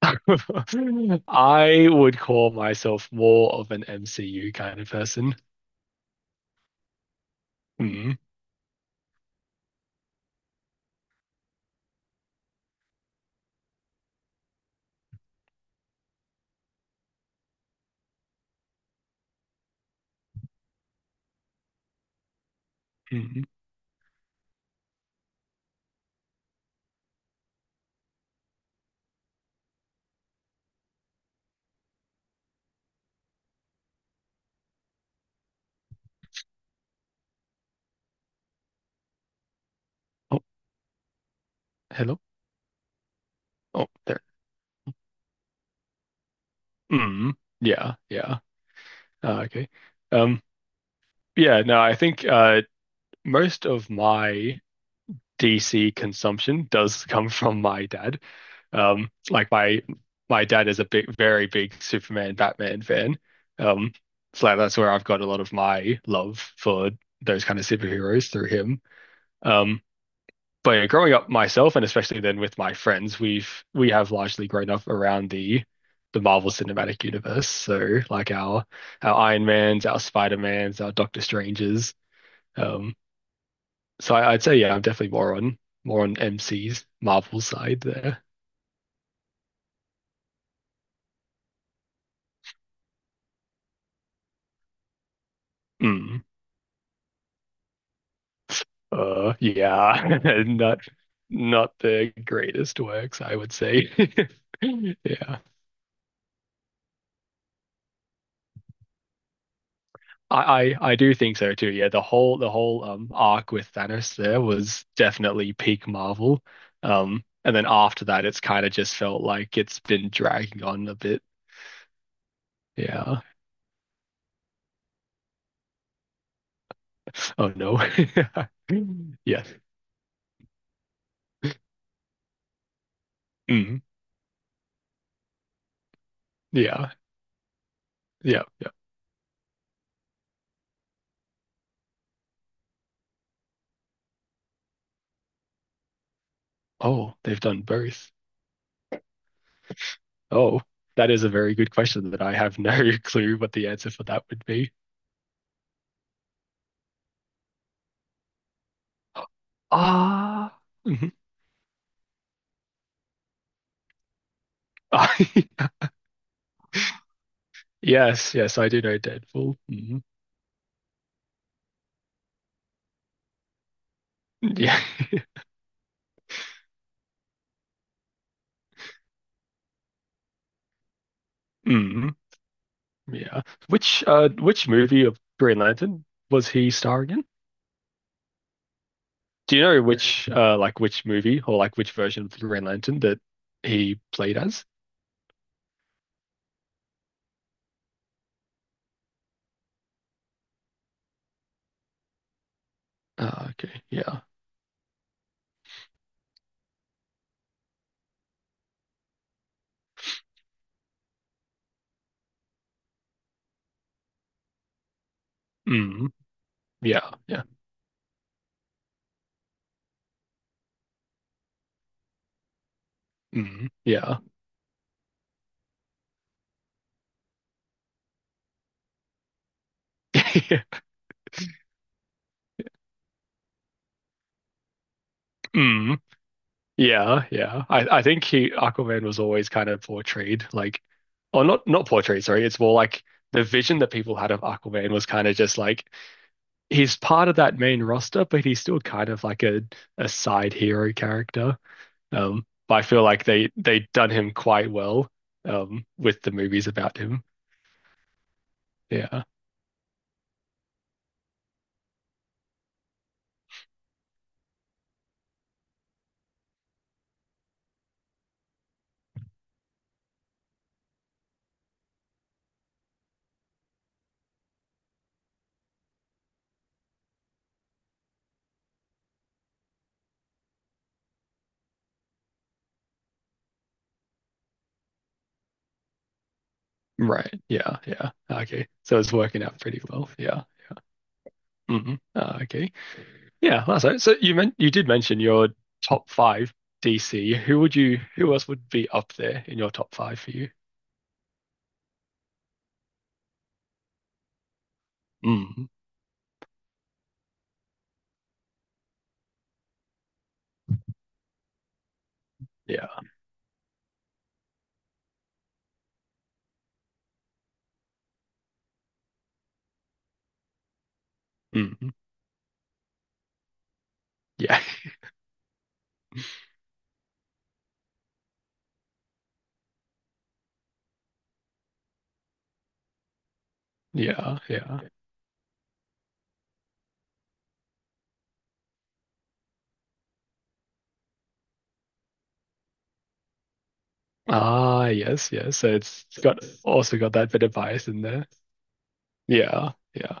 I would call myself more of an MCU kind of person. Mm, mm. Oh, hello. Oh, there. Mm, yeah, yeah. Ah, okay. Um, yeah, no, I think most of my DC consumption does come from my dad. Like my dad is a big, very big Superman, Batman fan. Um, so like that's where I've got a lot of my love for those kind of superheroes through him. Um, but yeah, growing up myself and especially then with my friends, we have largely grown up around the Marvel Cinematic Universe, so like our Iron Mans, our Spider-Mans, our Doctor Strangers, um so I'd say yeah, I'm definitely more on MC's Marvel side there. Mm. Yeah, not not the greatest works I would say. Yeah, I do think so too. Yeah, the whole arc with Thanos there was definitely peak Marvel. And then after that, it's kind of just felt like it's been dragging on a bit. Yeah. Oh no. Yes. Mhm. Yeah. Yeah. Yeah. Oh, they've done both. Oh, that is a very good question that I have no clue what the answer for that would be. Ah. Mhm. Yes. Yes, I do know Deadpool. Mhm. Yeah. Mhm. Yeah. Which movie of Green Lantern was he starring in? Do you know? Yeah, which movie or like which version of the Green Lantern that he played as? Okay. Yeah. Mm. Yeah. Yeah. Mm. Yeah. Mm. Yeah. Yeah. I think he Aquaman was always kind of portrayed like, or not portrayed, sorry. It's more like the vision that people had of Aquaman was kind of just like he's part of that main roster, but he's still kind of like a side hero character. But I feel like they done him quite well with the movies about him. Yeah. Right. Yeah. Yeah. Okay. So it's working out pretty well. Yeah. Hmm. Okay. Yeah. That's it. So you meant you did mention your top five DC. Who would you? Who else would be up there in your top five for you? Mm. Yeah. Mm. Yeah. Yeah. Yeah. Ah. Yes. Yes. So it's got also got that bit of bias in there. Yeah. Yeah.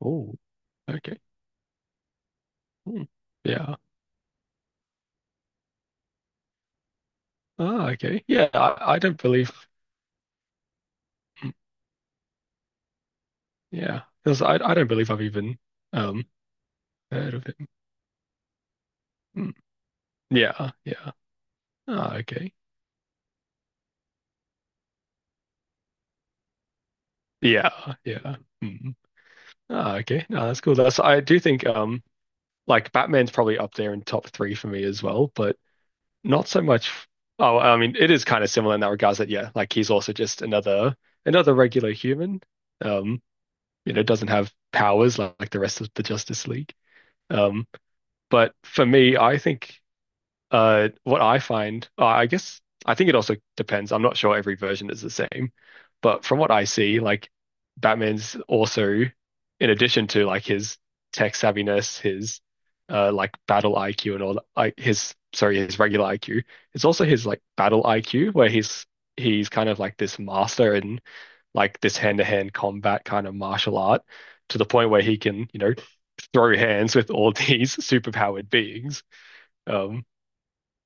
Oh. Okay. Mm. Yeah. Oh, okay. Yeah, I don't believe. Mm, yeah, because I don't believe I've even um heard of him. Mm, yeah, yeah. Oh, okay. Yeah, yeah. Mm. Oh, okay. No, that's cool. That's I do think like Batman's probably up there in top three for me as well, but not so much. Oh, I mean, it is kind of similar in that regards that yeah, like he's also just another regular human. Um, doesn't have powers like the rest of the Justice League. Um, but for me, I think. What I find, I guess, I think it also depends. I'm not sure every version is the same, but from what I see, like Batman's also, in addition to like his tech savviness, his like battle IQ and all that, like his, sorry, his regular IQ, it's also his like battle IQ where he's kind of like this master in like this hand-to-hand combat kind of martial art to the point where he can, throw hands with all these superpowered beings. Um,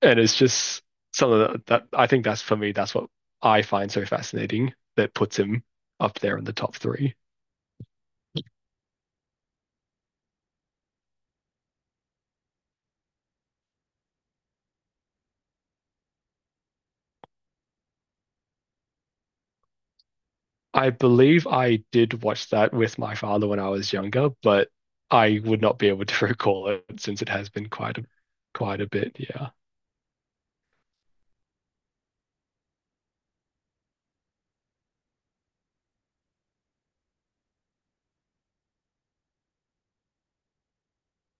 and it's just something that I think that's for me, that's what I find so fascinating that puts him up there in the top three. I believe I did watch that with my father when I was younger, but I would not be able to recall it since it has been quite a bit. Yeah.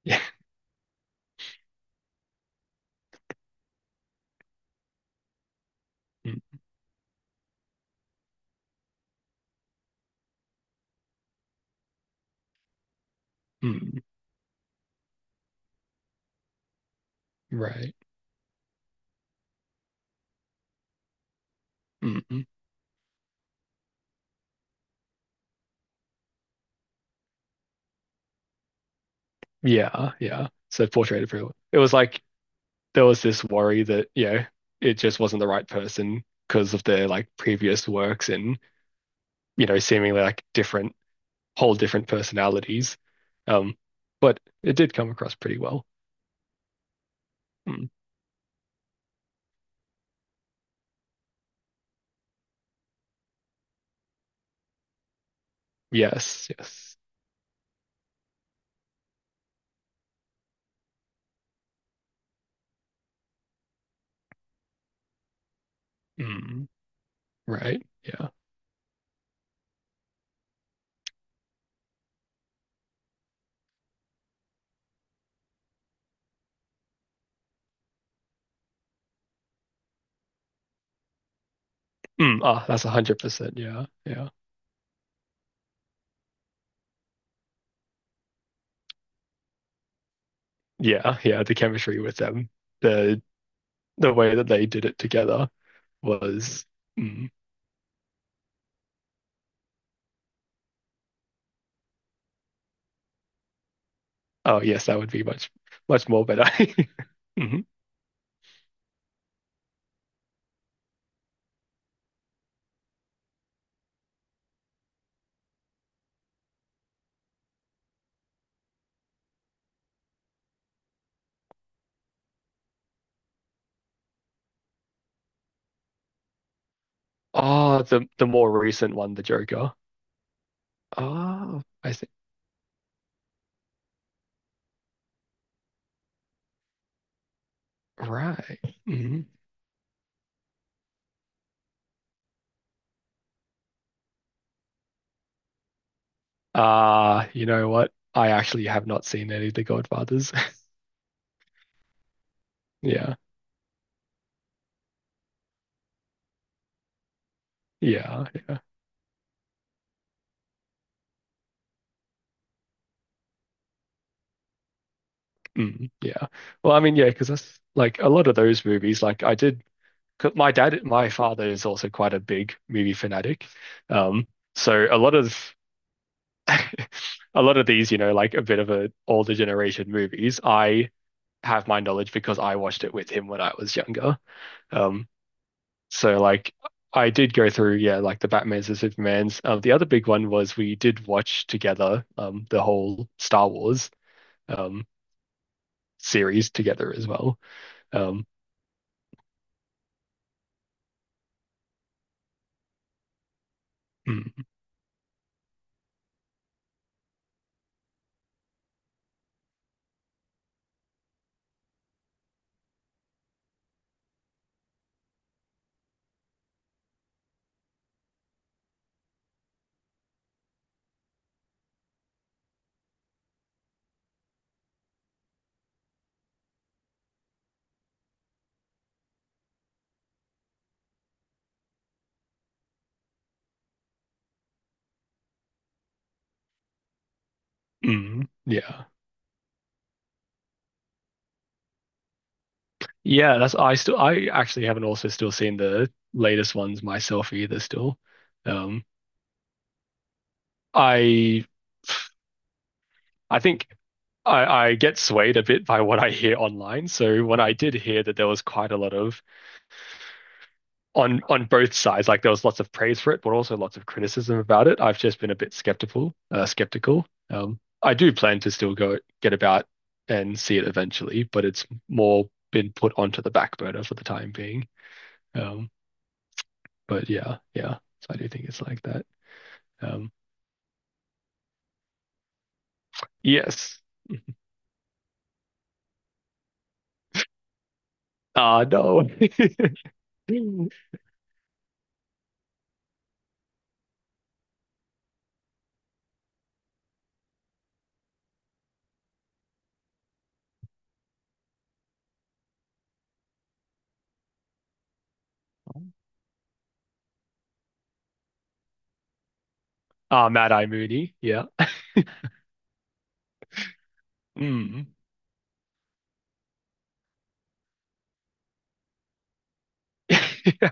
Yeah. Mm, mm, right. Mm, mm. Yeah. Yeah. So Portrait of a It was like there was this worry that, it just wasn't the right person because of their like previous works and, seemingly like different, whole different personalities. Um, but it did come across pretty well. Mm. Yes, yes. Mm. Right. Yeah. Mm. Ah, that's 100%. Yeah. Yeah. Yeah. Yeah. The chemistry with them, the the way that they did it together was. Mm. Oh yes, that would be much, much more better. Hmm. Oh, the more recent one, the Joker. Oh, I see. Right. Hmm. You know what? I actually have not seen any of the Godfathers. Yeah. Yeah. Yeah. Mm, yeah. Well, I mean, yeah, because that's like a lot of those movies. Like I did, 'cause my dad, my father is also quite a big movie fanatic. Um, so a lot of a lot of these, you know, like a bit of a older generation movies, I have my knowledge because I watched it with him when I was younger. Um, So like I did go through, yeah, like the Batmans and Supermans. The other big one was we did watch together the whole Star Wars um series together as well. Um, mm, mm, yeah. Yeah, that's I still I actually haven't also still seen the latest ones myself either still. Um, I I think I get swayed a bit by what I hear online. So when I did hear that there was quite a lot of on both sides. Like there was lots of praise for it, but also lots of criticism about it. I've just been a bit skeptical. Skeptical. I do plan to still go get about and see it eventually, but it's more been put onto the back burner for the time being. Um, but yeah, yeah. So I do think it's like that. Um, yes. Ah, no. Ah, Mad Eye Mooney. Yeah. Mm. Yeah.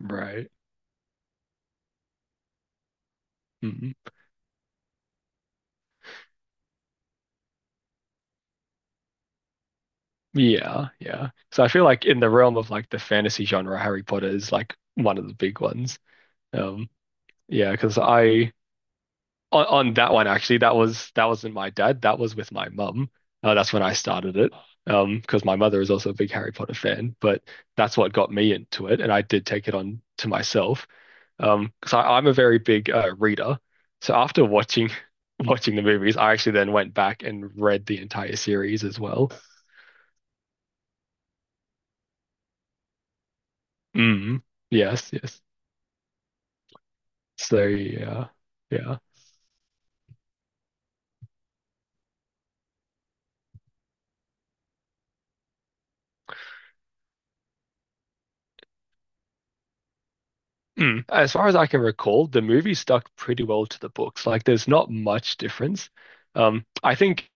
Right. Mm. Yeah, yeah. So I feel like in the realm of like the fantasy genre, Harry Potter is like one of the big ones. Um, yeah, because on that one actually, that wasn't my dad, that was with my mum. That's when I started it. Because my mother is also a big Harry Potter fan, but that's what got me into it, and I did take it on to myself. Because I'm a very big reader, so after watching watching the movies, I actually then went back and read the entire series as well. Mm, yes, yes. So yeah, yeah. Mm. As far as I can recall, the movie stuck pretty well to the books. Like there's not much difference. I think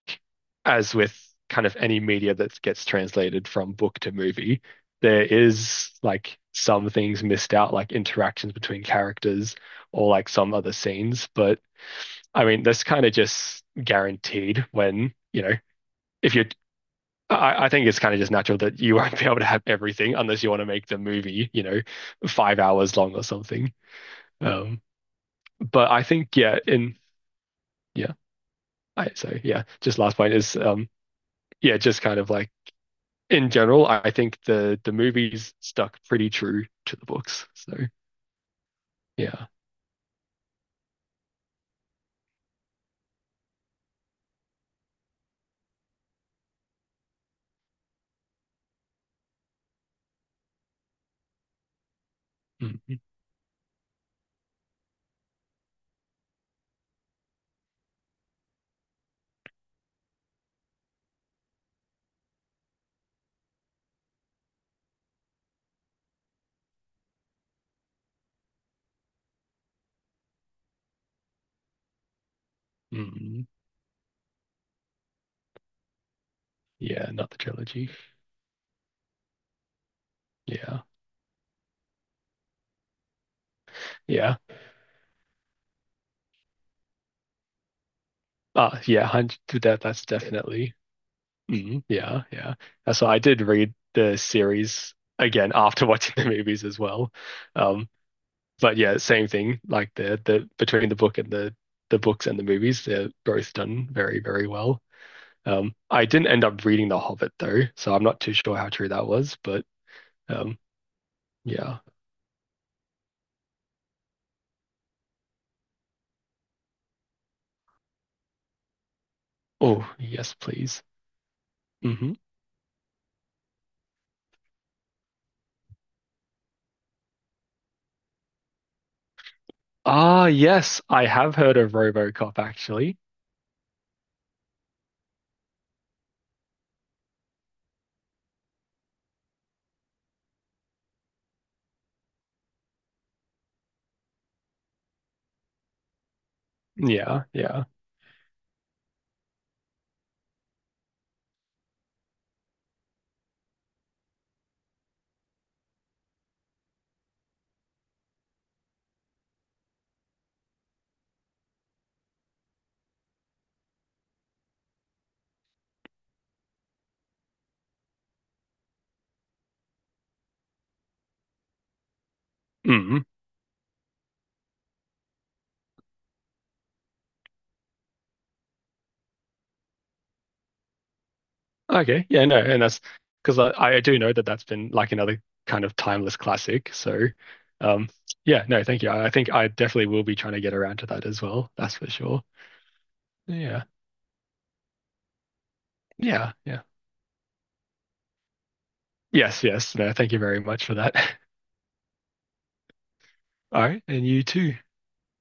as with kind of any media that gets translated from book to movie, there is like some things missed out, like interactions between characters or like some other scenes. But I mean, that's kind of just guaranteed when, if you're I think it's kind of just natural that you won't be able to have everything unless you want to make the movie, 5 hours long or something. Um, but I think yeah, in yeah, I so yeah, just last point is yeah, just kind of like in general, I think the movies stuck pretty true to the books. So yeah, mm mm yeah, not the trilogy. Yeah, yeah, yeah, hundred that's definitely. Hmm. Yeah, yeah. So I did read the series again after watching the movies as well. Um, but yeah, same thing. Like the between the book and the books and the movies, they're both done very, very well. I didn't end up reading The Hobbit though, so I'm not too sure how true that was. But um, yeah. Oh, yes, please. Hmm. Ah, yes, I have heard of RoboCop actually. Yeah, yeah. Mm. Okay, yeah, no, and that's because I do know that that's been like another kind of timeless classic. So, um, yeah, no, thank you. I think I definitely will be trying to get around to that as well. That's for sure. Yeah, yeah, yeah. Yes, yes. No, thank you very much for that. All right, and you too.